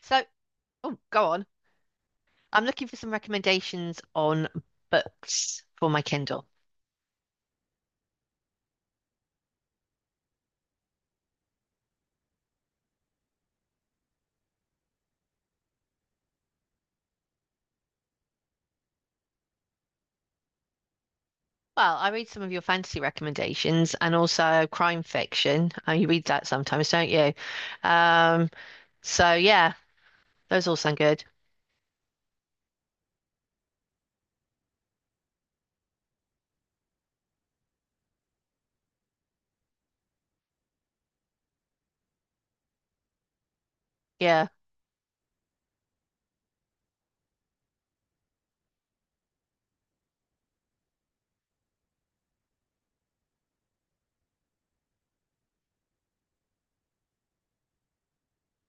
So, oh, go on. I'm looking for some recommendations on books for my Kindle. Well, I read some of your fantasy recommendations and also crime fiction. You read that sometimes, don't you? Um, so yeah, those all sound good. Yeah.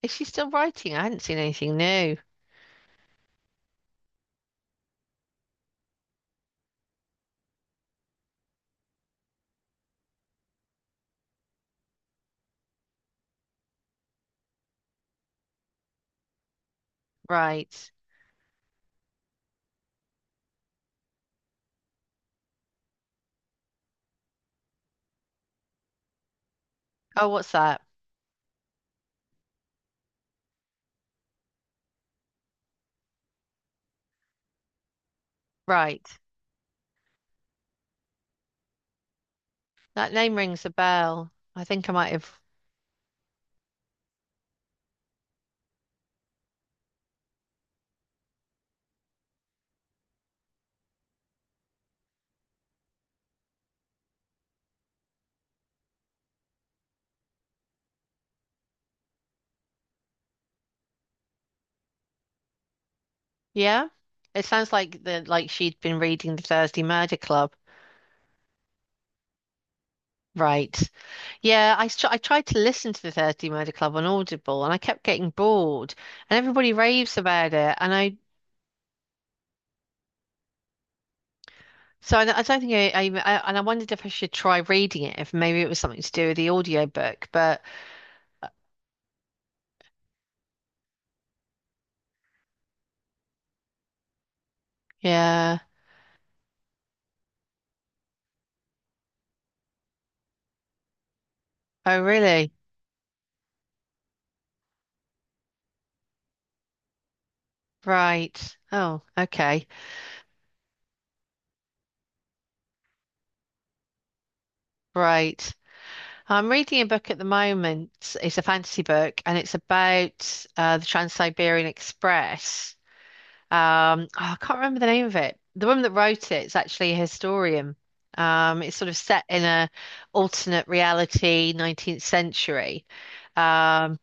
Is she still writing? I hadn't seen anything new. Right. Oh, what's that? Right. That name rings a bell. I think I might have. Yeah. It sounds like the like she'd been reading the Thursday Murder Club. Right. Yeah, I tried to listen to the Thursday Murder Club on Audible and I kept getting bored and everybody raves about it, and I don't think I and I wondered if I should try reading it, if maybe it was something to do with the audiobook. But uh, yeah. Oh really? Right. Oh, okay. Right. I'm reading a book at the moment. It's a fantasy book and it's about the Trans-Siberian Express. Oh, I can't remember the name of it. The woman that wrote it is actually a historian. It's sort of set in a alternate reality, 19th century. Um,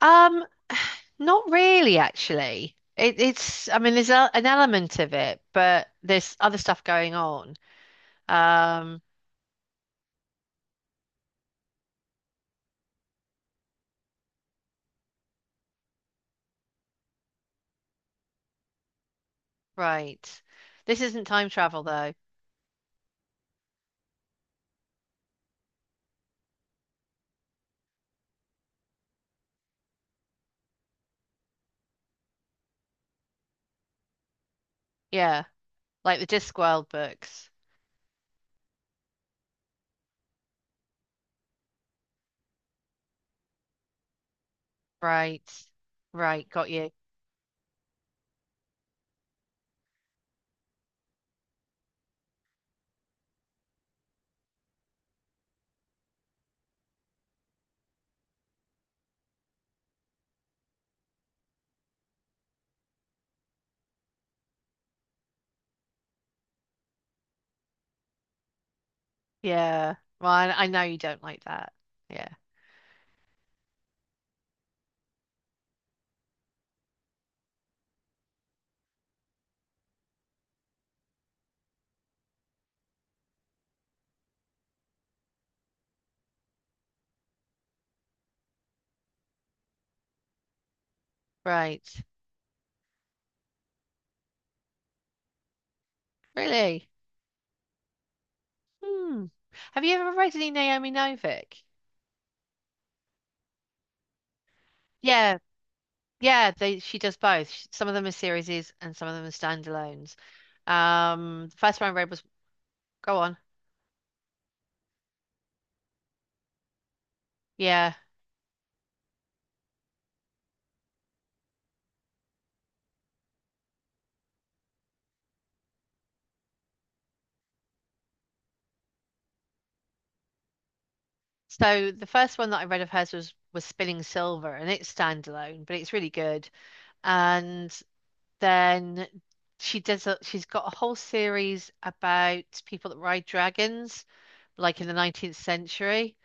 um, Not really, actually. It's I mean, there's an element of it, but there's other stuff going on. Um, right. This isn't time travel, though. Yeah, like the Discworld books. Right. Right, got you. Yeah. Well, I know you don't like that. Yeah. Right. Really? Hmm. Have you ever read any Naomi Novik? Yeah, yeah, they she does both. Some of them are series and some of them are standalones. The first one I read was go on. Yeah. So the first one that I read of hers was Spinning Silver, and it's standalone, but it's really good. And then she's got a whole series about people that ride dragons, like in the 19th century.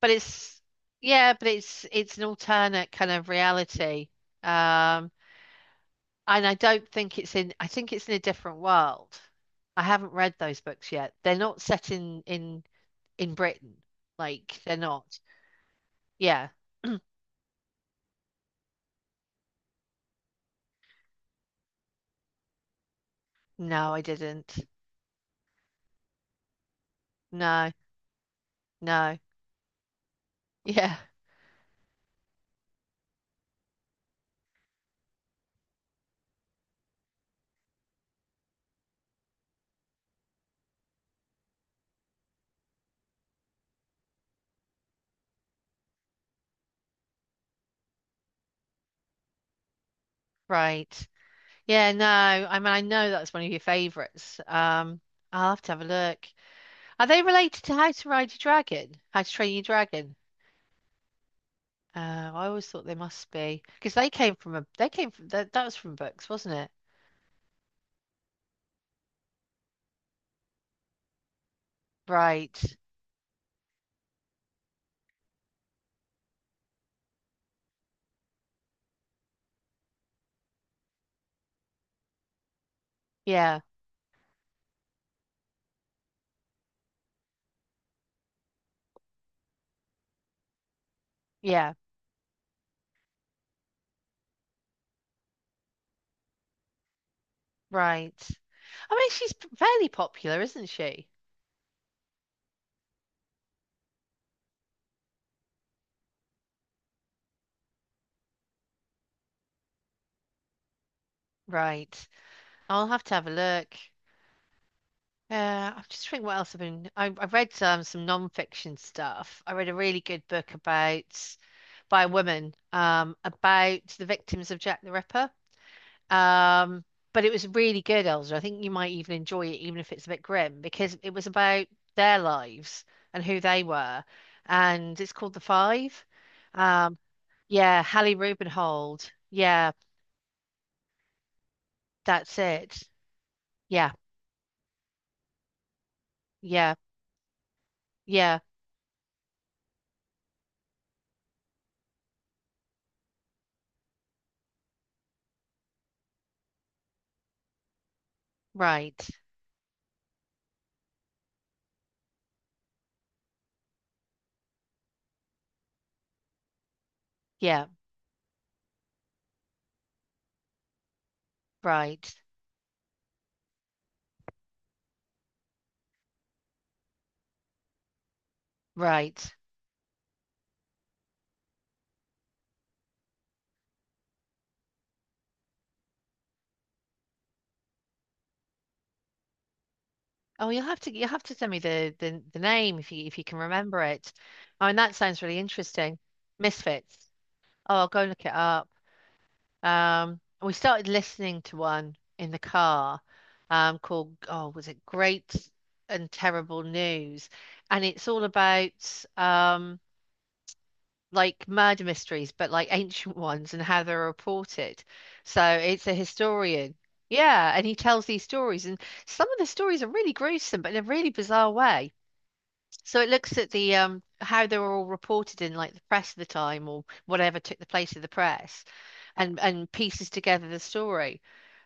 But it's yeah, but it's an alternate kind of reality. Um, and I don't think it's in, I think it's in a different world. I haven't read those books yet. They're not set in in Britain. Like they're not. Yeah. No, I didn't. No, no. Yeah, right. Yeah, no. I mean, I know that's one of your favorites. I'll have to have a look. Are they related to How to Ride Your Dragon? How to Train Your Dragon? I always thought they must be, because they came from that, that was from books, wasn't it? Right. Yeah. Yeah. Right. I mean, she's fairly popular, isn't she? Right. I'll have to have a look. I'm just thinking what else I've been. I read some non-fiction stuff. I read a really good book about by a woman about the victims of Jack the Ripper. Um, but it was really good, Elsa. I think you might even enjoy it, even if it's a bit grim, because it was about their lives and who they were. And it's called The Five. Um, yeah, Hallie Rubenhold. Yeah, that's it. Yeah, yeah, yeah, right. Yeah, right, right. Oh, you'll have to send me the name if you can remember it. Oh, and that sounds really interesting. Misfits. Oh, I'll go and look it up. We started listening to one in the car, called, oh, was it Great and Terrible News? And it's all about like murder mysteries, but like ancient ones and how they're reported. So it's a historian. Yeah, and he tells these stories, and some of the stories are really gruesome, but in a really bizarre way. So it looks at the how they were all reported in like the press of the time, or whatever took the place of the press, and pieces together the story.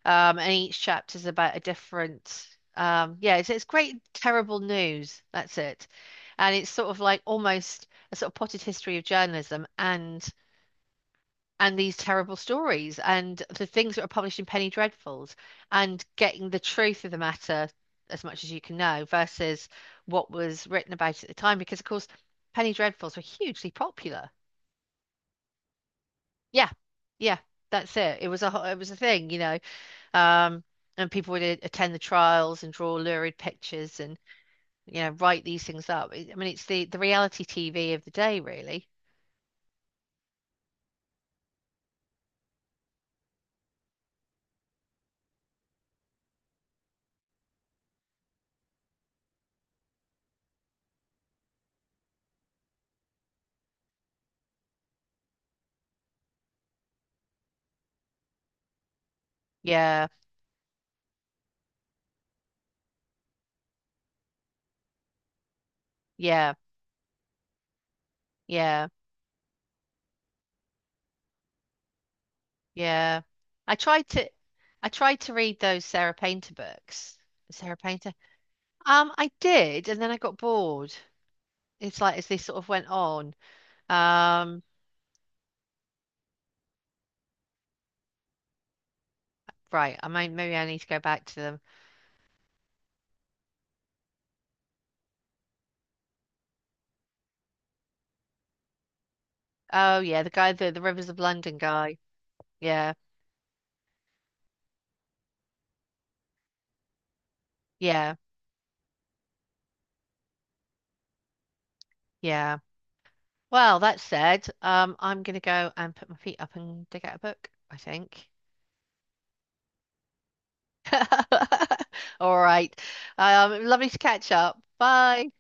And each chapter's about a different. Yeah, it's great. Terrible news. That's it. And it's sort of like almost a sort of potted history of journalism, and these terrible stories and the things that are published in Penny Dreadfuls, and getting the truth of the matter as much as you can know versus what was written about at the time. Because of course, Penny Dreadfuls were hugely popular. Yeah, yeah, that's it. It was a it was a thing, you know. Um, and people would attend the trials and draw lurid pictures and, you know, write these things up. I mean, it's the reality TV of the day, really. Yeah, yeah, yeah, yeah. I tried to, I tried to read those Sarah Painter books. Sarah Painter. I did, and then I got bored. It's like as they sort of went on. Um, right. I mean, maybe I need to go back to them. Oh yeah, the guy, the Rivers of London guy. Yeah, yeah, yeah. Well, that said, I'm gonna go and put my feet up and dig out a book, I think. All right. Lovely to catch up. Bye.